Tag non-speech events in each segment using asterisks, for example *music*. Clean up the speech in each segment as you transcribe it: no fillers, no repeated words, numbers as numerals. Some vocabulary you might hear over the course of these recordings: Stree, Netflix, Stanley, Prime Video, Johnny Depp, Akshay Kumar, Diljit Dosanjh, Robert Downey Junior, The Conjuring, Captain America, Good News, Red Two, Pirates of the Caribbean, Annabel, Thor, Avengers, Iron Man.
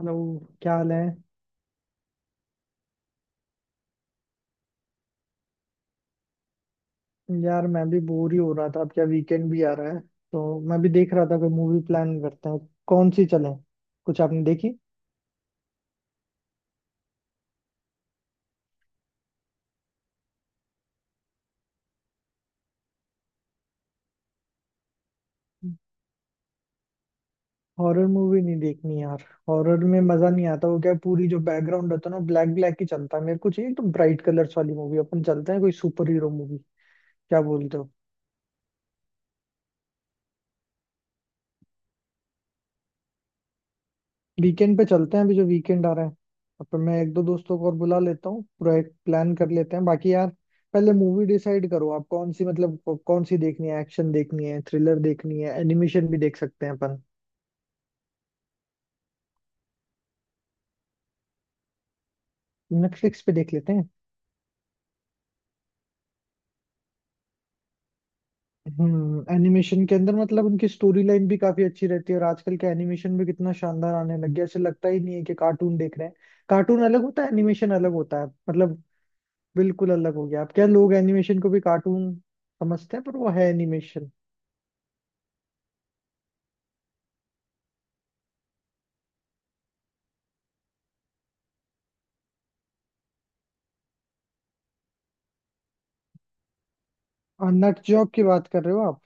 Hello. क्या हाल है? यार मैं भी बोर ही हो रहा था। अब क्या वीकेंड भी आ रहा है तो मैं भी देख रहा था कोई मूवी प्लान करते हैं। कौन सी चले? कुछ आपने देखी? हॉरर मूवी नहीं देखनी यार। हॉरर में मजा नहीं आता। वो क्या है, पूरी जो बैकग्राउंड होता है ना ब्लैक ब्लैक ही चलता है। मेरे को चाहिए एकदम ब्राइट कलर्स वाली मूवी। अपन चलते हैं कोई सुपर हीरो मूवी। क्या बोलते हो? वीकेंड पे चलते हैं, अभी जो वीकेंड आ रहा है। अपन, मैं एक दो दोस्तों को और बुला लेता हूँ, पूरा एक प्लान कर लेते हैं। बाकी यार, पहले मूवी डिसाइड करो आप कौन सी, मतलब कौन सी देखनी है। एक्शन देखनी है, थ्रिलर देखनी है, एनिमेशन भी देख सकते हैं अपन। नेटफ्लिक्स पे देख लेते हैं। हम्म, एनिमेशन के अंदर मतलब उनकी स्टोरी लाइन भी काफी अच्छी रहती है और आजकल के एनिमेशन भी कितना शानदार आने लग गया। ऐसे लगता ही नहीं है कि कार्टून देख रहे हैं। कार्टून अलग होता है, एनिमेशन अलग होता है मतलब। बिल्कुल अलग हो गया। अब क्या, लोग एनिमेशन को भी कार्टून समझते हैं पर वो है एनिमेशन। और नट जॉब की बात कर रहे हो आप?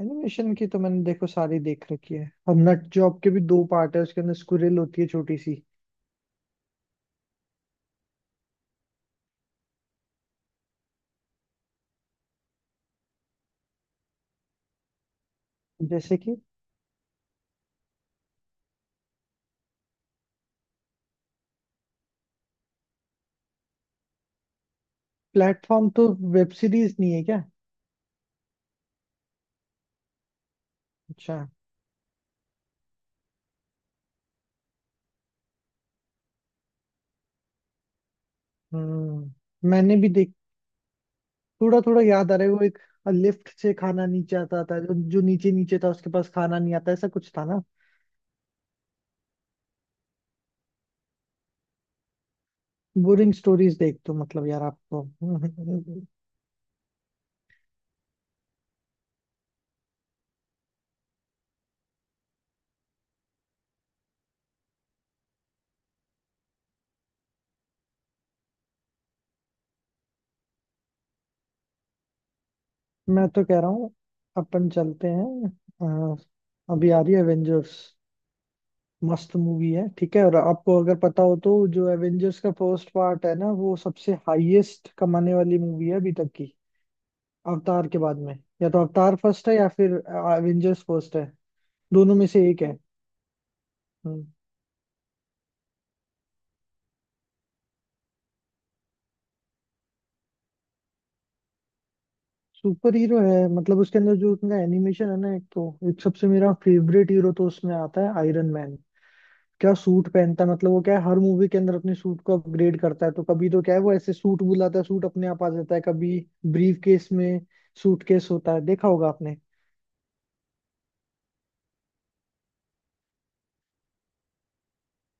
एनिमेशन की तो मैंने देखो सारी देख रखी है। और नट जॉब के भी दो पार्ट है, उसके अंदर स्क्विरल होती है छोटी सी। जैसे कि प्लेटफॉर्म तो वेब सीरीज नहीं है क्या? अच्छा। हम्म, मैंने भी देख, थोड़ा थोड़ा याद आ रहा है। वो एक लिफ्ट से खाना नीचे आता था, जो जो नीचे नीचे था उसके पास खाना नहीं आता, ऐसा कुछ था ना? बोरिंग स्टोरीज देख तो मतलब यार आपको। *laughs* मैं तो कह रहा हूँ अपन चलते हैं। अ, अभी आ रही है एवेंजर्स, मस्त मूवी है, ठीक है? और आपको अगर पता हो तो, जो एवेंजर्स का फर्स्ट पार्ट है ना, वो सबसे हाईएस्ट कमाने वाली मूवी है अभी तक की, अवतार के बाद में। या तो अवतार फर्स्ट है या फिर एवेंजर्स फर्स्ट है, दोनों में से एक है। हम्म। सुपर हीरो है मतलब। उसके अंदर जो उनका एनिमेशन है ना, एक तो, एक सबसे मेरा फेवरेट हीरो तो उसमें आता है, आयरन मैन। क्या सूट पहनता है मतलब। वो क्या है, हर मूवी के अंदर अपने सूट को अपग्रेड करता है। तो कभी तो क्या है, वो ऐसे सूट बुलाता है, सूट अपने आप आ जाता है, कभी ब्रीफ केस में, सूटकेस होता है, देखा होगा आपने।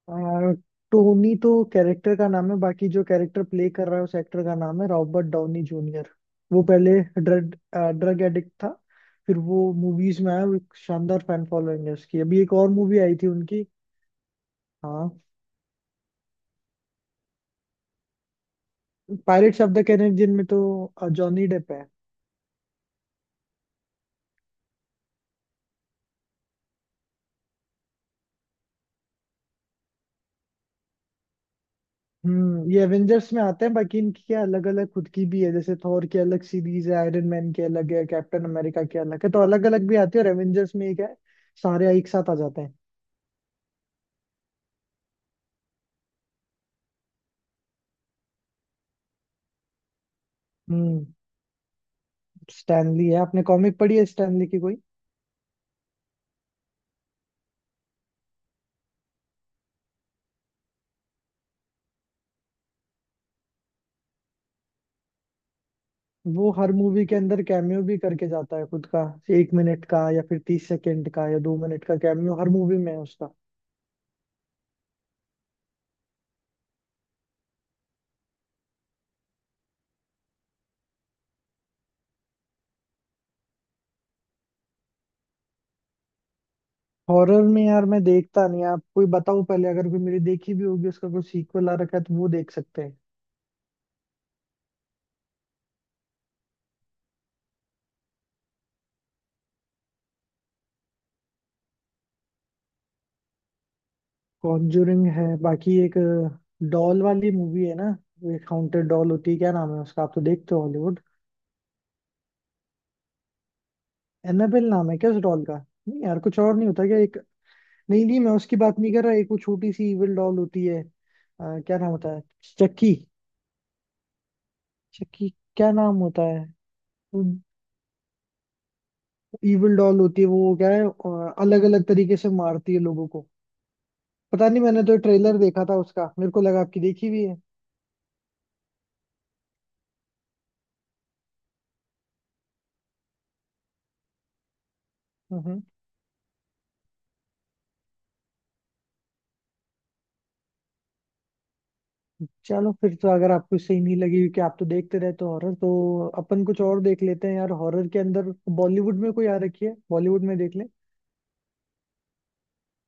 आ, टोनी तो कैरेक्टर का नाम है, बाकी जो कैरेक्टर प्ले कर रहा है उस एक्टर का नाम है रॉबर्ट डाउनी जूनियर। वो पहले ड्रग ड्रग एडिक्ट था, फिर वो मूवीज में आया। वो एक शानदार फैन फॉलोइंग है उसकी। अभी एक और मूवी आई थी उनकी। हाँ, पायरेट्स ऑफ द कैरेबियन में तो जॉनी डेप है। हम्म, ये एवेंजर्स में आते हैं। बाकी इनकी क्या अलग अलग खुद की भी है, जैसे थॉर की अलग सीरीज है, आयरन मैन की अलग है, कैप्टन अमेरिका की अलग है, तो अलग अलग भी आती है और एवेंजर्स में एक है, सारे एक साथ आ जाते हैं। हम्म। स्टैनली है। आपने कॉमिक पढ़ी है स्टैनली की कोई? वो हर मूवी के अंदर कैमियो भी करके जाता है खुद का। 1 मिनट का या फिर 30 सेकंड का या 2 मिनट का कैमियो हर मूवी में है उसका। हॉरर में यार मैं देखता नहीं। आप कोई बताओ, पहले अगर कोई मेरी देखी भी होगी, उसका कोई सीक्वल आ रखा है तो वो देख सकते हैं। कॉन्जूरिंग है, बाकी एक डॉल वाली मूवी है ना, एक हाउंटेड डॉल होती है, क्या नाम है उसका, आप तो देखते हो हॉलीवुड। एनाबेल नाम है क्या उस डॉल का? नहीं यार, कुछ और नहीं होता क्या एक? नहीं नहीं, मैं उसकी बात नहीं कर रहा। एक वो छोटी सी इविल डॉल होती है, क्या नाम होता है, चक्की? चक्की क्या नाम होता है? इविल डॉल होती है वो, क्या है, अलग अलग तरीके से मारती है लोगों को। पता नहीं, मैंने तो ट्रेलर देखा था उसका, मेरे को लगा आपकी देखी हुई है। हम्म। चलो फिर तो, अगर आपको सही नहीं लगी क्योंकि आप तो देखते रहते हो हॉरर, तो अपन कुछ और देख लेते हैं यार। हॉरर के अंदर बॉलीवुड में कोई आ रखी है, बॉलीवुड में देख ले।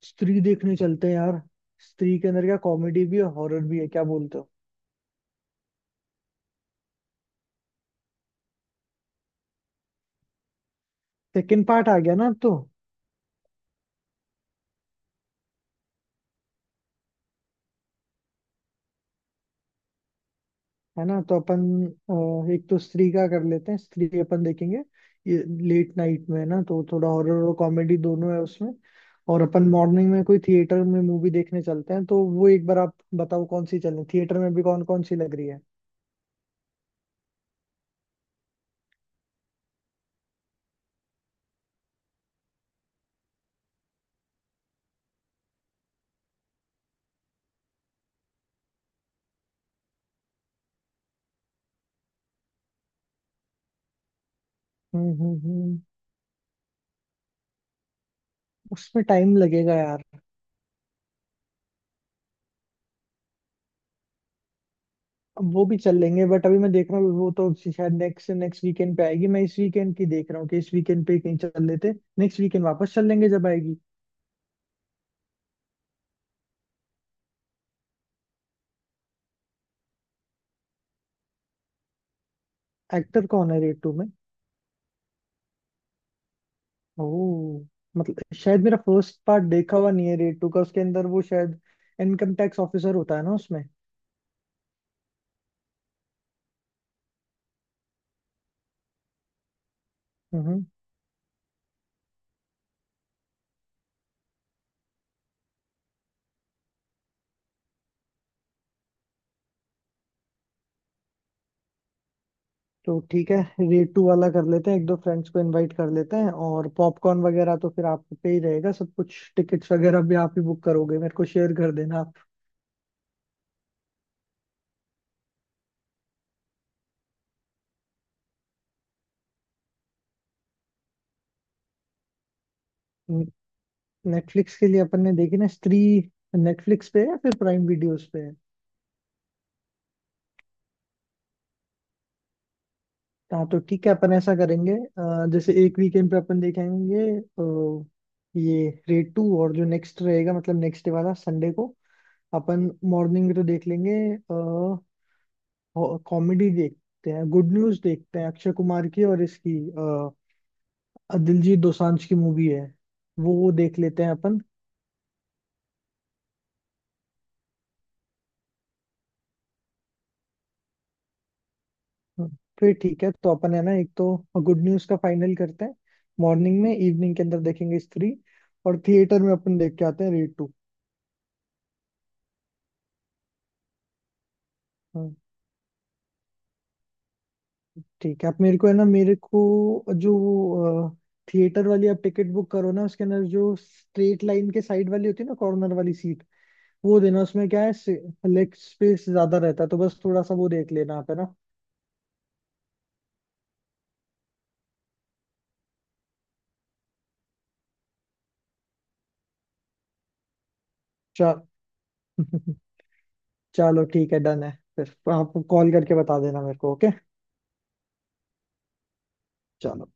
स्त्री देखने चलते हैं यार। स्त्री के अंदर क्या कॉमेडी भी है, हॉरर भी है, क्या बोलते हो? सेकंड पार्ट आ गया ना अब तो। है ना? तो अपन, एक तो स्त्री का कर लेते हैं, स्त्री अपन देखेंगे। ये लेट नाइट में है ना, तो थोड़ा हॉरर और कॉमेडी दोनों है उसमें। और अपन मॉर्निंग में कोई थिएटर में मूवी देखने चलते हैं, तो वो एक बार आप बताओ कौन सी चलें। थिएटर में भी कौन कौन सी लग रही है? हम्म, हम्म, उसमें टाइम लगेगा यार। अब वो भी चल लेंगे बट अभी मैं देख रहा हूँ, वो तो शायद नेक्स्ट नेक्स्ट वीकेंड पे आएगी। मैं इस वीकेंड की देख रहा हूँ कि इस वीकेंड पे कहीं चल लेते। नेक्स्ट वीकेंड वापस चल लेंगे जब आएगी। एक्टर कौन है रेट टू में? ओह, मतलब शायद मेरा फर्स्ट पार्ट देखा हुआ नहीं है रेड टू का। उसके अंदर वो शायद इनकम टैक्स ऑफिसर होता है ना उसमें? हम्म, तो ठीक है, रेड टू वाला कर लेते हैं। एक दो फ्रेंड्स को इनवाइट कर लेते हैं। और पॉपकॉर्न वगैरह तो फिर आप पे ही रहेगा सब कुछ। टिकट्स वगैरह भी आप ही बुक करोगे, मेरे को शेयर कर देना आप। नेटफ्लिक्स के लिए अपन ने देखी ना स्त्री। नेटफ्लिक्स पे है या फिर प्राइम वीडियोस पे है? हाँ, तो ठीक है, अपन ऐसा करेंगे, जैसे एक वीकेंड पे अपन देखेंगे ये रेड टू। और जो नेक्स्ट रहेगा, मतलब नेक्स्ट डे वाला, संडे को अपन मॉर्निंग में तो देख लेंगे। कॉमेडी देखते हैं, गुड न्यूज देखते हैं, अक्षय कुमार की और इसकी दिलजीत दोसांझ की मूवी है। वो देख लेते हैं अपन। फिर ठीक है। तो अपन है ना, एक तो गुड न्यूज का फाइनल करते हैं, मॉर्निंग में। इवनिंग के अंदर देखेंगे स्त्री। और थिएटर में अपन देख के आते हैं रेड टू। ठीक है आप, मेरे को है ना, मेरे को जो वो थिएटर वाली आप टिकट बुक करो ना, उसके अंदर जो स्ट्रेट लाइन के साइड वाली होती है ना, कॉर्नर वाली सीट, वो देना। उसमें क्या है, लेग स्पेस ज्यादा रहता है, तो बस थोड़ा सा वो देख लेना आप, है ना? चल। *laughs* चलो ठीक है, डन है। फिर आप कॉल करके बता देना मेरे को, ओके? चलो,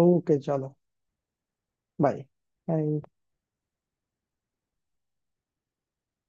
ओके चलो। Bye, bye,